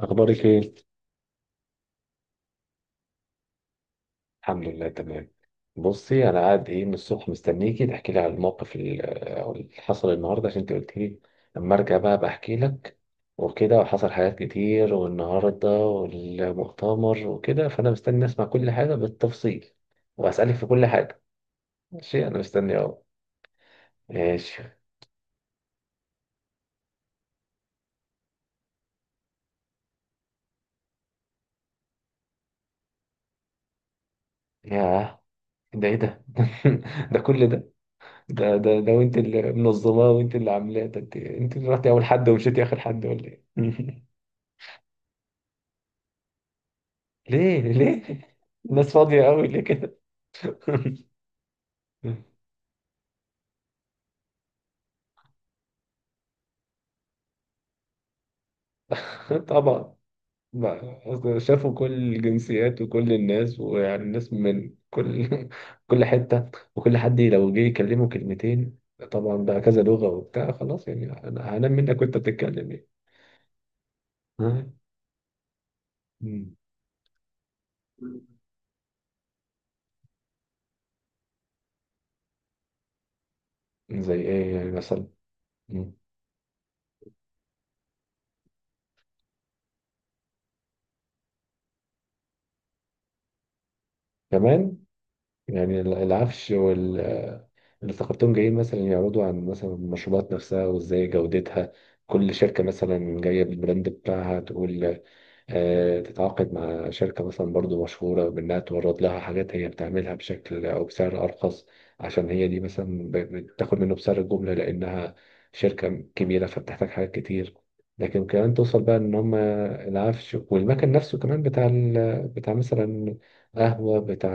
اخبارك ايه؟ الحمد لله تمام. بصي، انا قاعد ايه من الصبح مستنيكي تحكي لي على الموقف أو اللي حصل النهارده، عشان انت قلت لي اما ارجع بقى بحكي لك وكده، وحصل حاجات كتير والنهارده والمؤتمر وكده، فانا مستني اسمع كل حاجه بالتفصيل واسالك في كل حاجه. ماشي، انا مستني اهو. ماشي. ياه! ده ايه ده؟ ده كل ده؟ ده وانت اللي منظماه وانت اللي عاملاه ده، انت اللي رحتي اول حد ومشيتي اخر حد، ولا ايه؟ ليه؟ الناس فاضية قوي ليه كده؟ طبعا، ما أصل شافوا كل الجنسيات وكل الناس، ويعني الناس من كل كل حتة، وكل حد لو جه يكلمه كلمتين، طبعا بقى كذا لغة وبتاع، خلاص يعني أنا هنام منك وأنت بتتكلم يعني. ها؟ مم. زي إيه يعني مثلا؟ مم. كمان. يعني العفش اللي افتكرتهم جايين مثلا يعرضوا عن مثلا المشروبات نفسها وازاي جودتها، كل شركة مثلا جاية بالبراند بتاعها تقول، تتعاقد مع شركة مثلا برضو مشهورة بإنها تورد لها حاجات هي بتعملها بشكل أو بسعر أرخص، عشان هي دي مثلا بتاخد منه بسعر الجملة لأنها شركة كبيرة فبتحتاج حاجات كتير. لكن كمان توصل بقى إن هم العفش والمكان نفسه كمان، بتاع بتاع مثلا قهوة، بتاع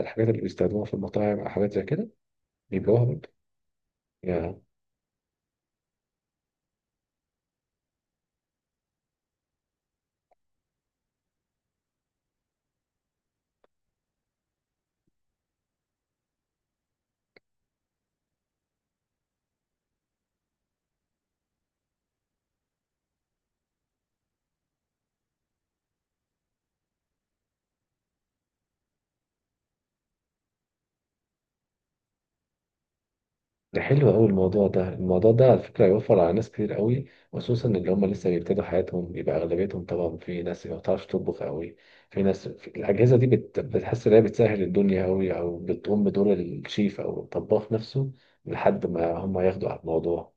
الحاجات اللي بيستخدموها في المطاعم أو حاجات زي كده، بيبيعوها برضه. ده حلو قوي الموضوع ده. الموضوع ده على فكرة هيوفر على ناس كتير قوي، خصوصا اللي هم لسه بيبتدوا حياتهم، يبقى أغلبيتهم طبعا في ناس ما بتعرفش تطبخ قوي، في ناس في الأجهزة دي بتحس إن هي بتسهل الدنيا قوي، أو بتقوم بدور الشيف أو الطباخ نفسه لحد ما هم ياخدوا على الموضوع.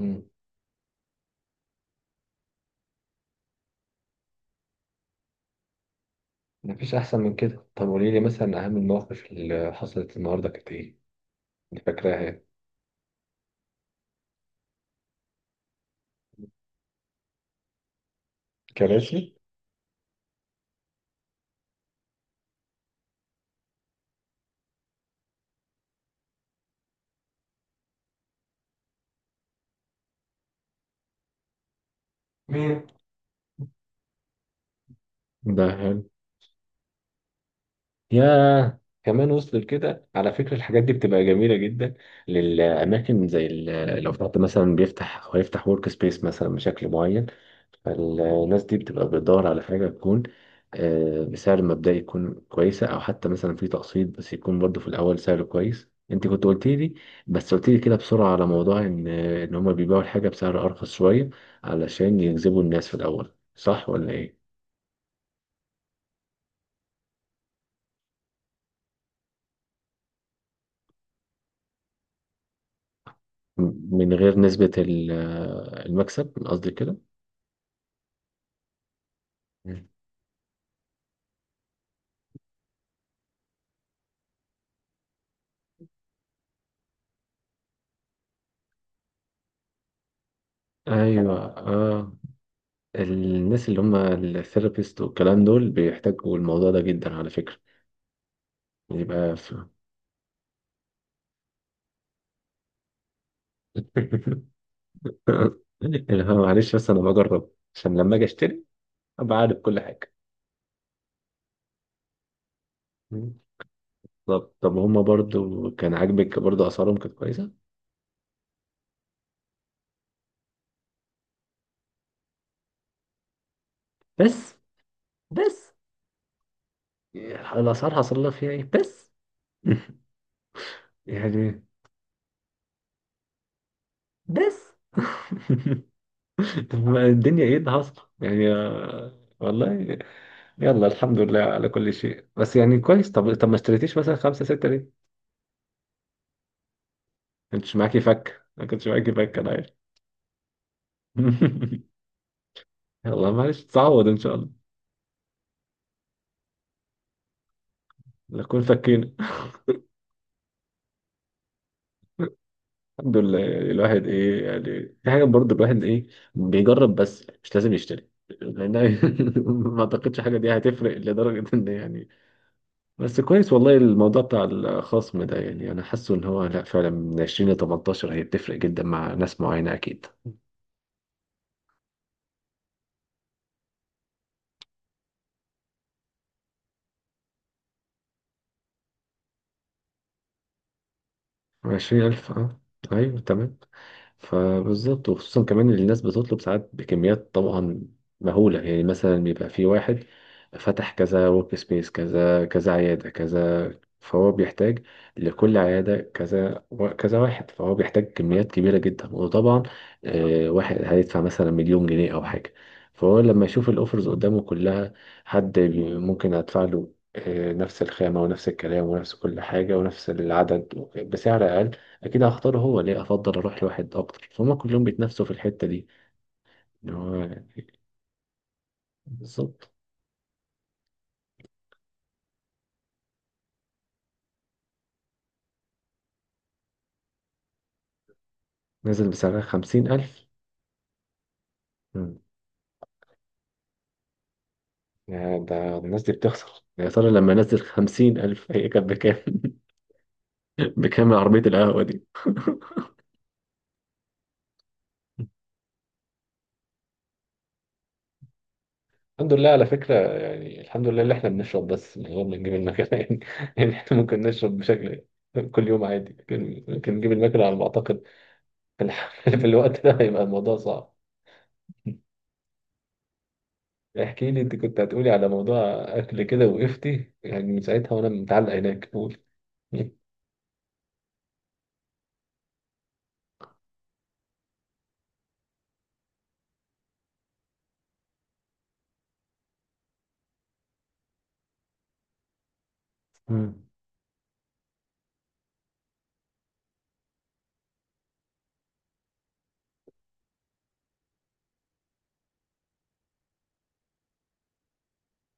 مم. مفيش أحسن من كده. طب قولي لي مثلا، أهم المواقف اللي حصلت النهاردة كانت إيه؟ اللي فاكراها يعني. كراسي؟ مين؟ ده حلو. يا كمان وصل لكده؟ على فكرة الحاجات دي بتبقى جميلة جدا للأماكن، زي لو فتحت مثلا، بيفتح أو هيفتح ورك سبيس مثلا بشكل معين، فالناس دي بتبقى بتدور على حاجة تكون بسعر مبدئي يكون كويسة، أو حتى مثلا في تقسيط بس يكون برضه في الأول سعر كويس. أنت كنت قلت لي، بس قلت لي كده بسرعة، على موضوع إن هما بيبيعوا الحاجة بسعر أرخص شوية علشان يجذبوا الناس في الأول، صح ولا إيه؟ من غير نسبة المكسب، قصدي كده. ايوه، اه. الناس اللي هم الثيرابيست والكلام دول بيحتاجوا الموضوع ده جدا على فكره. يبقى في... اللي هو معلش، بس انا بجرب عشان لما اجي اشتري ابقى عارف كل حاجه. طب هم برضو كان عاجبك؟ برضو اسعارهم كانت كويسه؟ بس، بس الاسعار حصل لها فيها ايه بس؟ يعني، بس. طب ما الدنيا، ايه اللي حصل يعني، والله. يلا الحمد لله على كل شيء، بس يعني كويس. طب ما اشتريتيش مثلا خمسة ستة ليه؟ ما كنتش معاكي فك، ما كنتش معاكي فك، انا عارف. يلا معلش، تعوض ان شاء الله. نكون فكينا الحمد لله. يعني الواحد ايه يعني، في حاجة برضه الواحد ايه، بيجرب بس مش لازم يشتري، لان ما اعتقدش حاجة دي هتفرق لدرجة ان، يعني. بس كويس والله. الموضوع بتاع الخصم ده يعني انا حاسه ان هو، لا فعلا، من 20 ل 18 هي بتفرق جدا مع ناس معينة اكيد. عشرين ألف اه أيوه تمام. فبالظبط، وخصوصا كمان إن الناس بتطلب ساعات بكميات طبعا مهولة، يعني مثلا بيبقى في واحد فتح كذا ورك سبيس، كذا كذا عيادة كذا، فهو بيحتاج لكل عيادة كذا كذا واحد، فهو بيحتاج كميات كبيرة جدا. وطبعا واحد هيدفع مثلا مليون جنيه أو حاجة، فهو لما يشوف الأوفرز قدامه كلها، حد ممكن أدفع له نفس الخامة ونفس الكلام ونفس كل حاجة ونفس العدد بسعر أقل، أكيد هختاره. هو ليه أفضل أروح لواحد أكتر فهم؟ كلهم بيتنافسوا في الحتة دي، إن هو بالظبط نزل بسعرها 50,000. مم. يا، ده الناس دي بتخسر. يا ترى لما نزل 50,000، هي كانت بكام؟ بكام عربية القهوة دي؟ الحمد لله على فكرة، يعني الحمد لله اللي احنا بنشرب بس من غير ما نجيب المكنة. يعني احنا ممكن نشرب بشكل كل يوم عادي، ممكن نجيب المكنة على ما أعتقد. في الوقت ده هيبقى الموضوع صعب. احكي لي، انت كنت هتقولي على موضوع اكل كده وقفتي، يعني من ساعتها وانا متعلق هناك، قول. مم.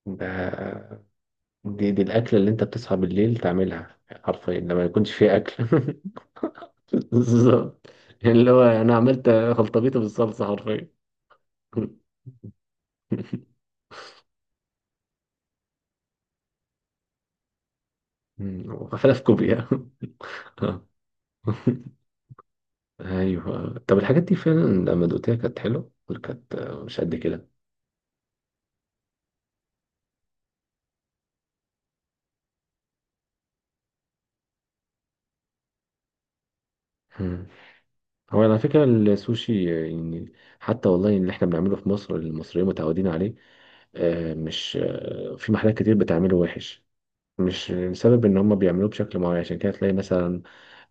ده دي الأكلة اللي أنت بتصحى بالليل تعملها حرفيا لما يكونش فيه أكل. بالظبط. يعني اللي هو، أنا عملت خلطبيطة بالصلصة حرفيا. مم. وفلافل كوبيا. أيوه، طب الحاجات دي فعلا لما دقتها كانت حلوة ولا كانت مش قد كده؟ هو على فكرة السوشي يعني، حتى والله اللي احنا بنعمله في مصر المصريين متعودين عليه، مش في محلات كتير بتعمله وحش، مش بسبب ان هم بيعملوه بشكل معين. عشان كده تلاقي مثلا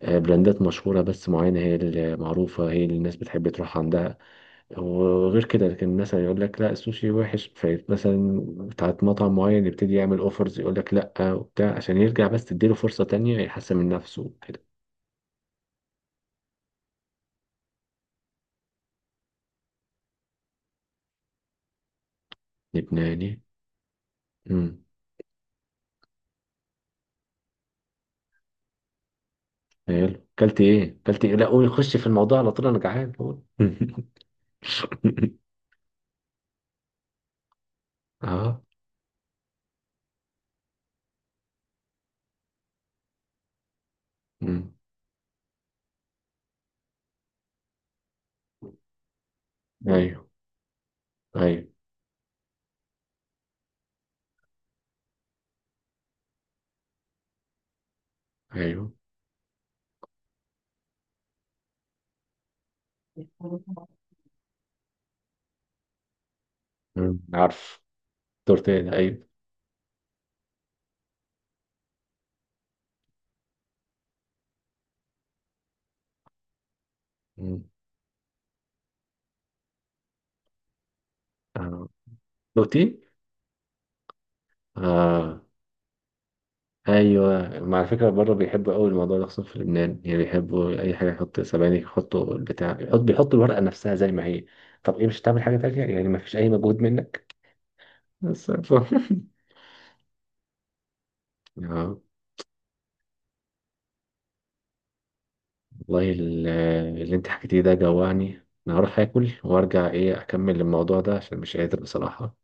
براندات مشهورة بس معينة هي المعروفة، هي اللي الناس بتحب تروح عندها، وغير كده. لكن مثلا يقول لك لا السوشي وحش، فمثلا بتاعت مطعم معين يبتدي يعمل اوفرز، يقول لك لا وبتاع، عشان يرجع بس، تديله فرصة تانية يحسن من نفسه كده. لبناني. حلو، كلت ايه؟ كلت ايه؟ لا قول، خش في الموضوع على طول، انا جعان، قول. اه. أمم. ايوه، ايوه، ايوه. أمم. عارف. تورت ايه ده؟ ايوه. أمم. آه. دوتي. اه، ايوه. ما على فكره، بره بيحبوا قوي الموضوع ده، خصوصا في لبنان يعني بيحبوا اي حاجه، يحط سبانخ، يحطوا البتاع، بيحطوا الورقه نفسها زي ما هي. طب، ايه مش هتعمل حاجه تانيه يعني؟ ما فيش اي مجهود منك. بس. اه، والله اللي انت حكيتيه ده جوعني. انا هروح اكل وارجع، ايه، اكمل الموضوع ده، عشان مش قادر بصراحة.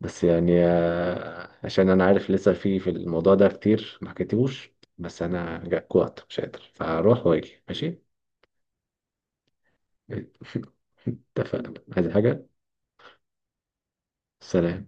بس يعني عشان انا عارف لسه في الموضوع ده كتير ما حكيتهوش. بس انا جوعت مش قادر، فاروح واجي، ماشي؟ اتفقنا، عايز حاجة؟ سلام.